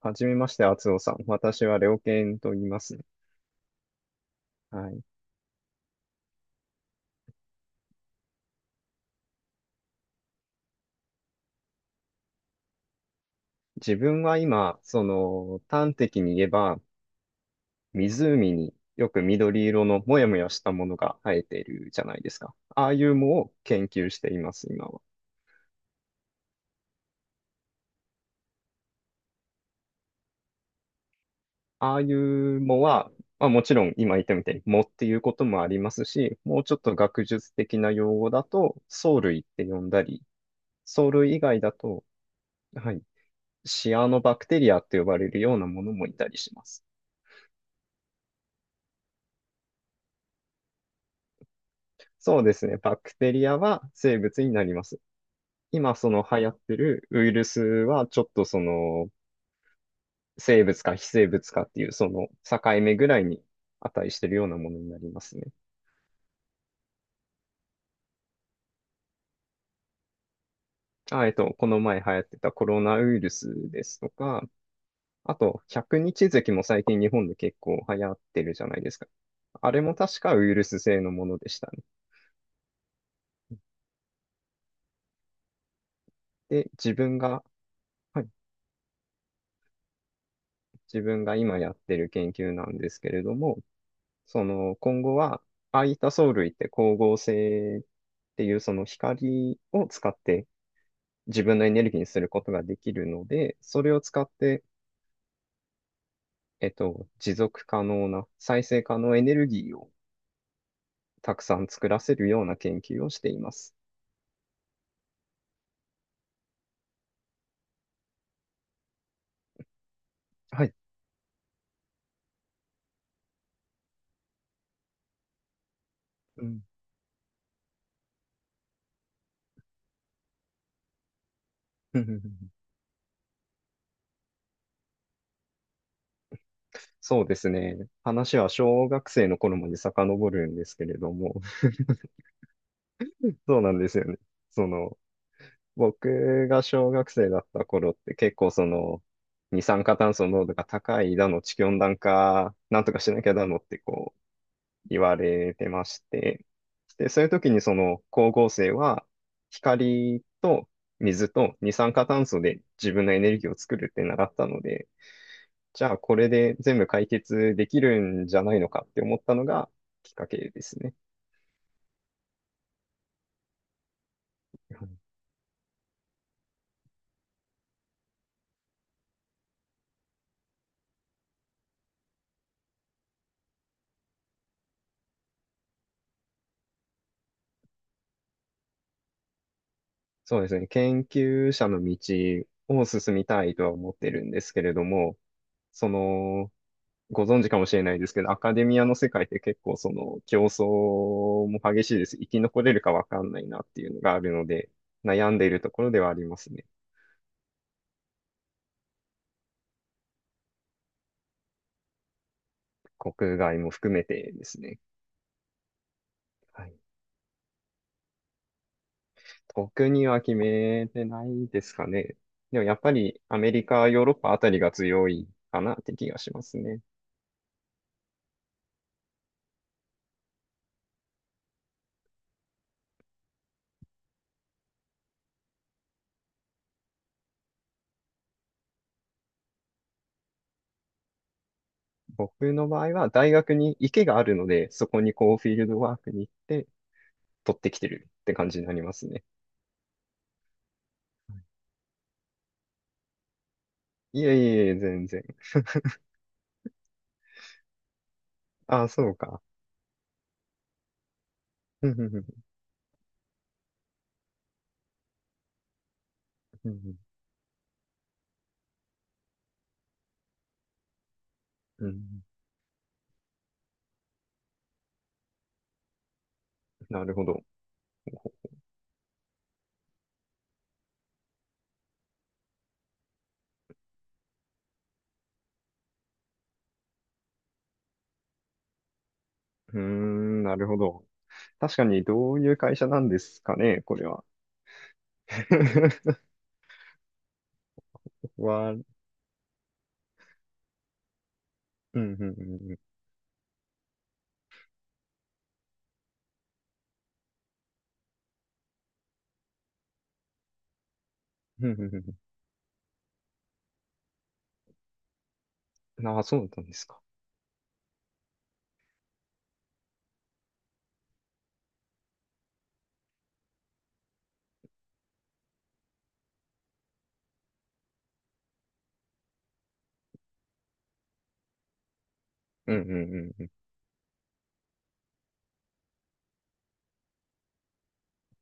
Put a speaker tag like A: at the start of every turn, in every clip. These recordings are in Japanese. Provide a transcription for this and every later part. A: はじめまして、厚尾さん。私はレオケンと言いますね。はい。自分は今、端的に言えば、湖によく緑色のもやもやしたものが生えているじゃないですか。ああいう藻を研究しています、今は。ああいう藻は、まあ、もちろん今言ったみたいに藻っていうこともありますし、もうちょっと学術的な用語だと、藻類って呼んだり、藻類以外だと、はい、シアノバクテリアって呼ばれるようなものもいたりします。そうですね。バクテリアは生物になります。今、その流行ってるウイルスは、ちょっとその、生物か非生物かっていう、その境目ぐらいに値してるようなものになりますね。この前流行ってたコロナウイルスですとか、あと、百日月も最近日本で結構流行ってるじゃないですか。あれも確かウイルス性のものでしたね。で、はい、自分が今やってる研究なんですけれども、その今後は、ああいった藻類って光合成っていうその光を使って自分のエネルギーにすることができるので、それを使って、持続可能な再生可能エネルギーをたくさん作らせるような研究をしています。はい。うん。そうですね。話は小学生の頃まで遡るんですけれども、そうなんですよね。その、僕が小学生だった頃って結構その二酸化炭素濃度が高いだの地球温暖化なんとかしなきゃだのってこう言われてまして、で、そういう時にその光合成は光と水と二酸化炭素で自分のエネルギーを作るって習ったので、じゃあこれで全部解決できるんじゃないのかって思ったのがきっかけですね。うん、そうですね。研究者の道を進みたいとは思ってるんですけれども、その、ご存知かもしれないですけど、アカデミアの世界って結構その競争も激しいです。生き残れるかわかんないなっていうのがあるので、悩んでいるところではありますね。国外も含めてですね。はい。特には決めてないですかね。でもやっぱりアメリカ、ヨーロッパあたりが強いかなって気がしますね。僕の場合は大学に池があるので、そこにこうフィールドワークに行って取ってきてるって感じになりますね。いえいえいえ、全然。ああ、そうか。うんうんうん。うんうんうん。なるほど。うーん、なるほど。確かに、どういう会社なんですかね、これは。わ、うん。うんうんうん。うんうんうん。ああ、そうだったんですか。うんうんうん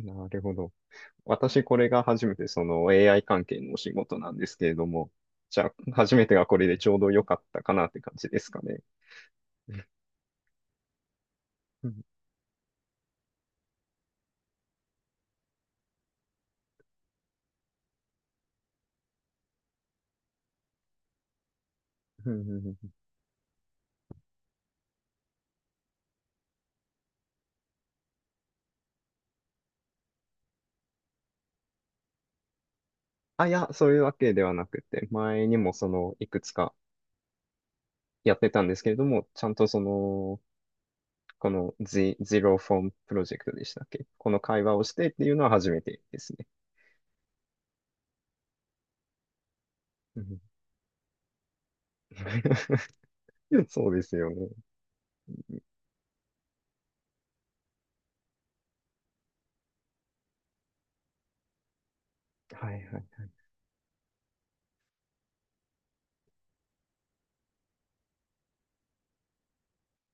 A: うん。なるほど。私、これが初めて、その AI 関係のお仕事なんですけれども、じゃあ、初めてがこれでちょうど良かったかなって感じですかね。うんうんうん。うん。あ、いや、そういうわけではなくて、前にもその、いくつかやってたんですけれども、ちゃんとその、このゼロフォ o f プロジェクトでしたっけ？この会話をしてっていうのは初めてですね。うん。 そうですよね。はいはい。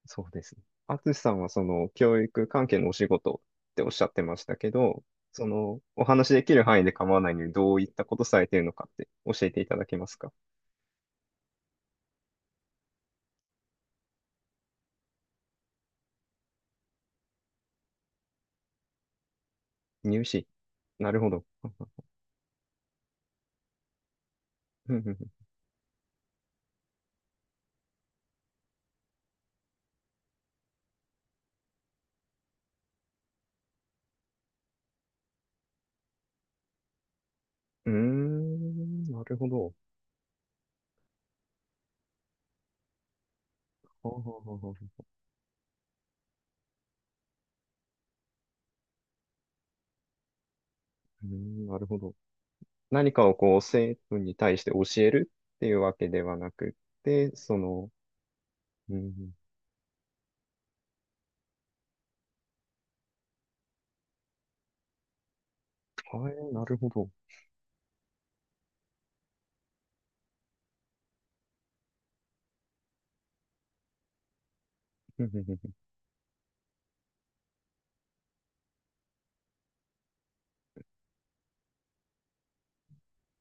A: そうですね。あつしさんはその教育関係のお仕事っておっしゃってましたけど、そのお話しできる範囲で構わないのにどういったことされているのかって教えていただけますか？入試。なるほど。うんうんうん。うーん、なるほど。はあはあはあはあ。うーん、なるほど。何かをこう生徒に対して教えるっていうわけではなくって、その、うん、はい、なるほど。うんうんうん。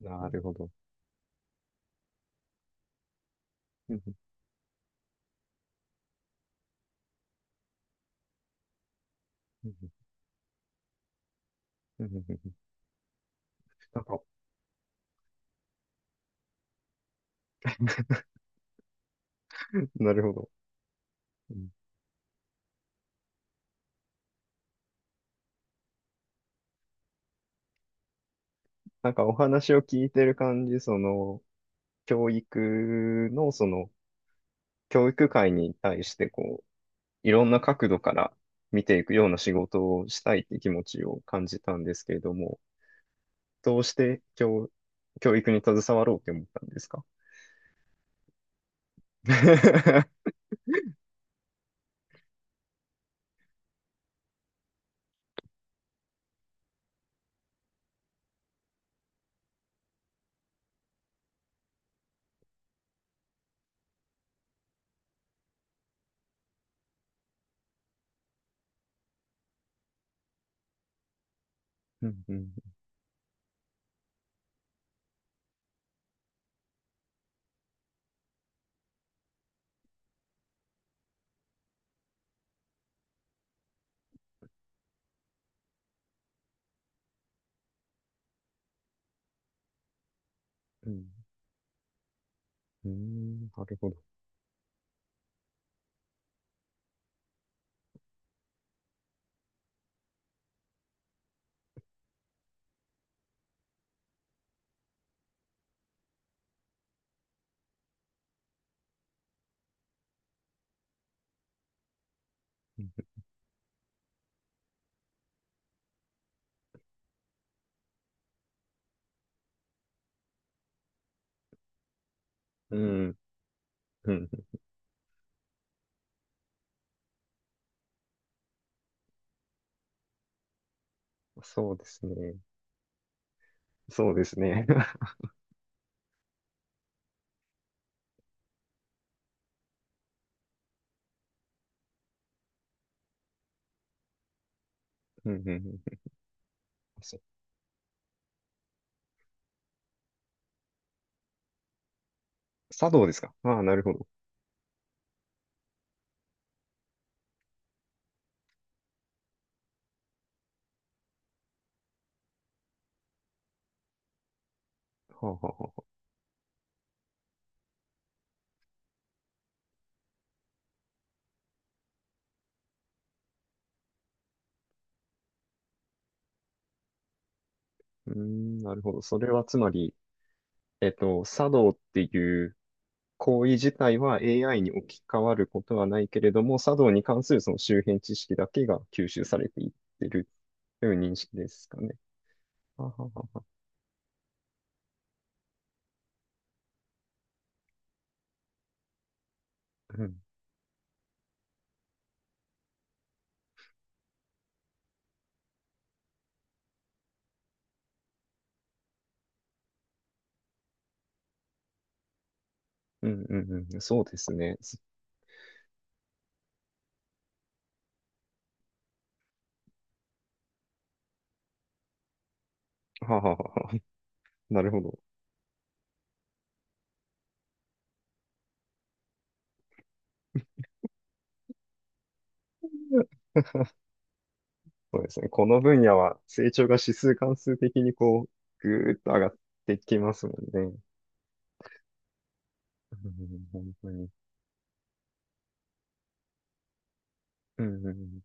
A: なるほど。うんうんうん。うんうん。なんか、なるほど。うん。なんかお話を聞いてる感じ、教育の、教育界に対して、こう、いろんな角度から見ていくような仕事をしたいって気持ちを感じたんですけれども、どうして教育に携わろうって思ったんですか？ うん、うん、うん、うん、なるほど。うん、うん、うん、そうですね。そうですね。うん、うん、うん。そ、茶道ですか？ああ、なるほど。はあ、はあ、はあ。はあ。うーん、なるほど。それはつまり、茶道っていう行為自体は AI に置き換わることはないけれども、茶道に関するその周辺知識だけが吸収されていってるという認識ですかね？はあはあはあ。うん、うん、うん、うん、そうですね。はあはあはあ。なるほど。そうですね。この分野は成長が指数関数的にこう、ぐーっと上がってきますもんね。うん、本当に。うん、うん、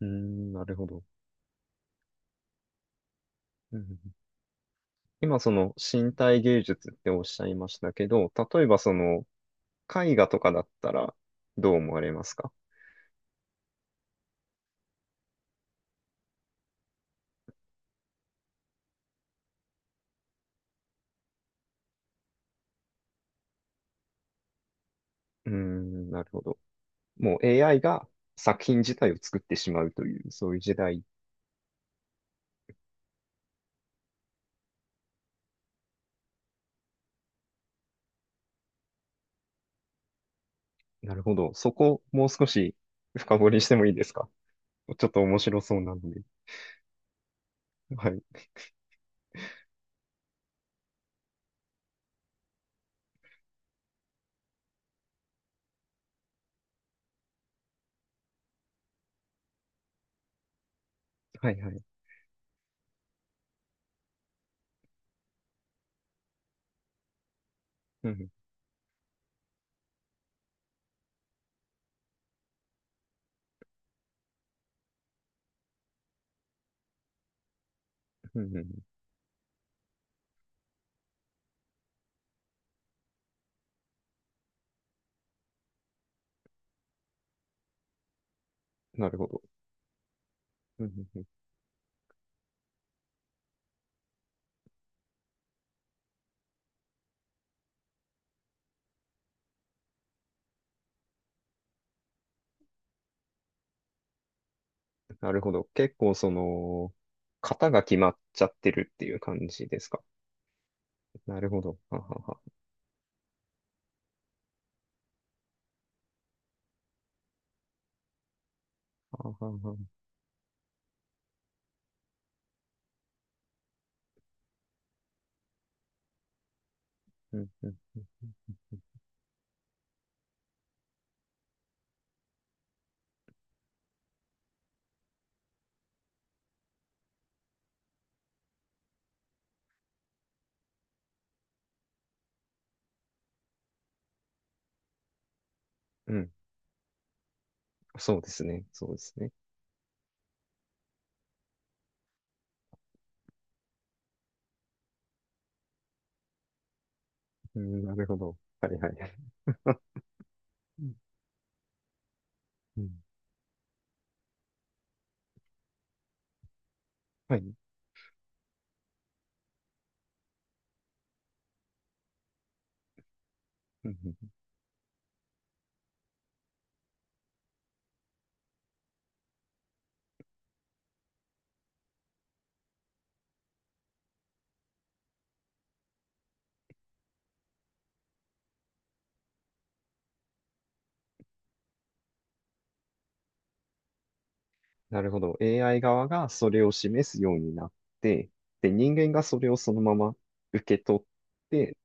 A: うん、なるほど。うんうん。今、その身体芸術っておっしゃいましたけど、例えばその絵画とかだったらどう思われますか？うん、なるほど。もう AI が作品自体を作ってしまうという、そういう時代。なるほど。そこ、もう少し深掘りしてもいいですか？ちょっと面白そうなので。はい。はいはい。うんうんうんうん。なるほど。うんうんうん。なるほど。結構その、型が決まっちゃってるっていう感じですか？なるほど。ははは。ははは。うんうん。うん。そうですね。そうですね。うん、なるほど。はいはい。うん。はい。うんうん。なるほど。AI 側がそれを示すようになって、で、人間がそれをそのまま受け取って、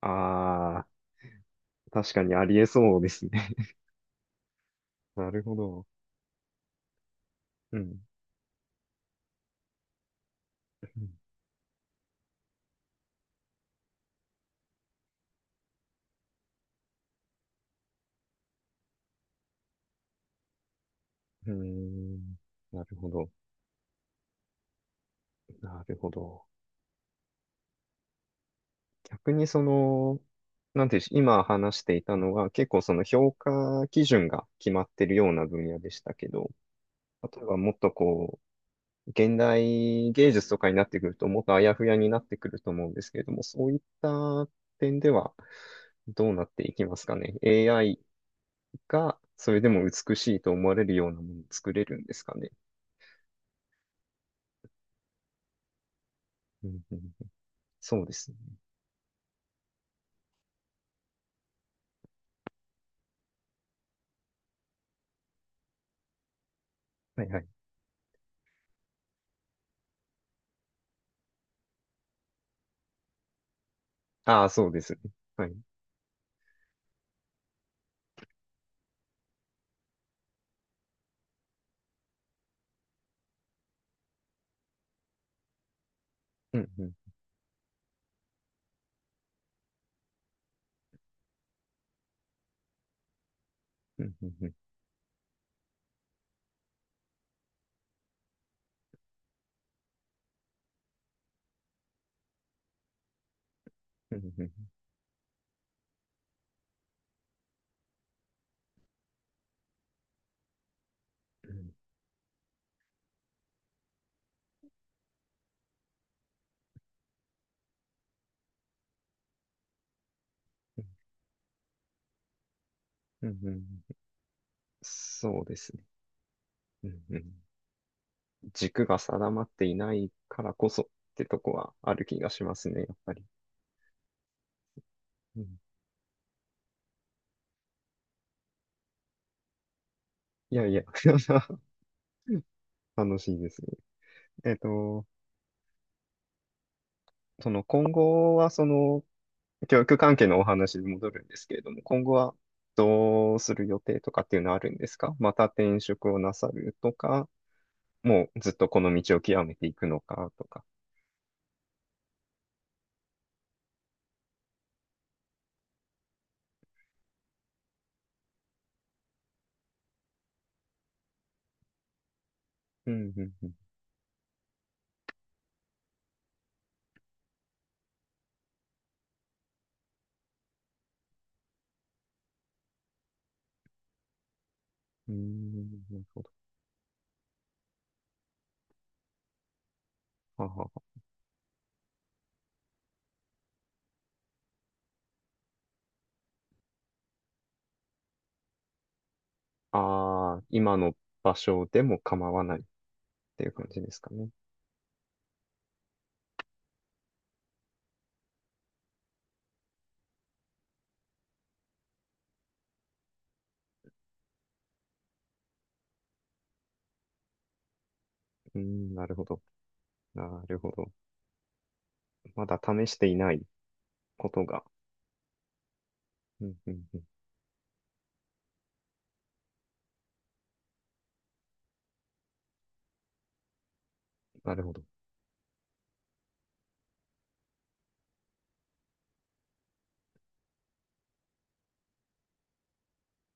A: ああ、確かにありえそうですね。なるほど。うん。うーん。なるほど。なるほど。逆にその、なんていうし、今話していたのは結構その評価基準が決まってるような分野でしたけど、例えばもっとこう、現代芸術とかになってくるともっとあやふやになってくると思うんですけれども、そういった点ではどうなっていきますかね？AI がそれでも美しいと思われるようなものを作れるんですかね？うんうん、そうですね。はいはい。ああ、そうですね。はい。うんうんうんうんうんうんうんうんうんうん、そうですね。うんうん。軸が定まっていないからこそってとこはある気がしますね、やっぱり。うん。いやいや、楽しいですね。えっと、その今後はその教育関係のお話に戻るんですけれども、今後はどうする予定とかっていうのはあるんですか？また転職をなさるとか、もうずっとこの道を極めていくのかとか。うんうんうん。うーん、なるほど。は。ああ、今の場所でも構わないっていう感じですかね？うん、なるほど。なるほど。まだ試していないことが。うんうんうん、なるほど。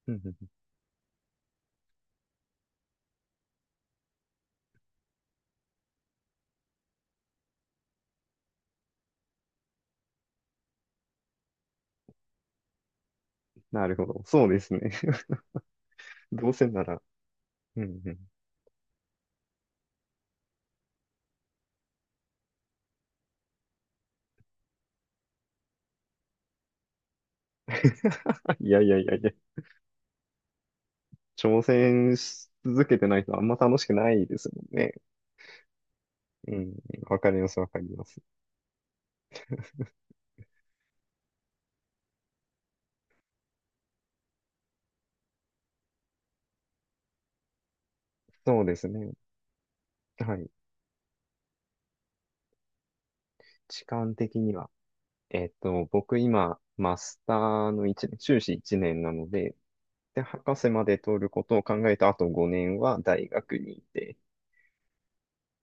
A: うんうんうん。なるほど。そうですね。どうせなら。うんうん、いやいやいやいや。挑戦し続けてないとあんま楽しくないですもんね。うん、わかります、わかります。そうですね。はい。時間的には。僕今、マスターの一年、修士1年なので、で、博士まで取ることを考えたあと5年は大学にいて、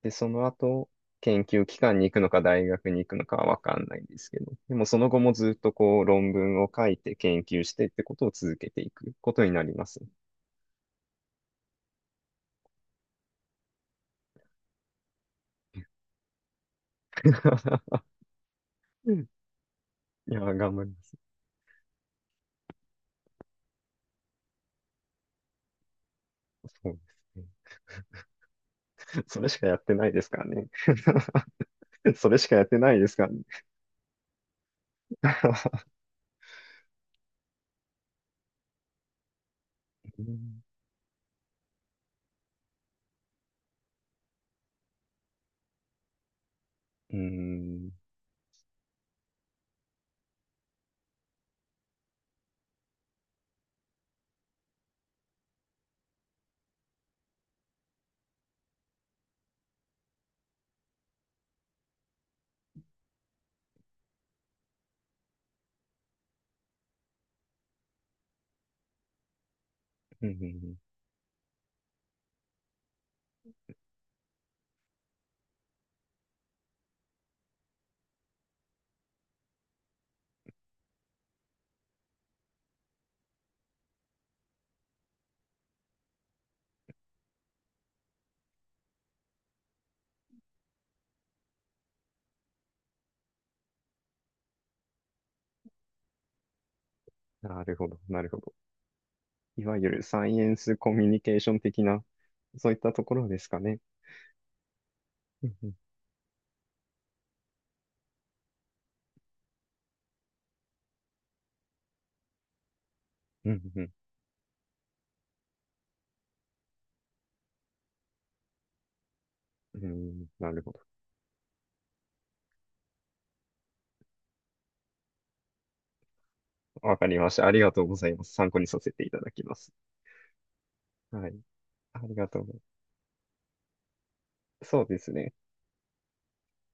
A: で、その後、研究機関に行くのか大学に行くのかはわかんないんですけど、でもその後もずっとこう論文を書いて研究してってことを続けていくことになります。うん。いやー、頑張ります。そうですね。それしかやってないですからね。それしかやってないですからね。うん、うん、うん、なるほど、なるほど。いわゆるサイエンスコミュニケーション的な、そういったところですかね。うんうん、うん、うんうん、なるほど。わかりました。ありがとうございます。参考にさせていただきます。はい。ありがとうございます。そうですね。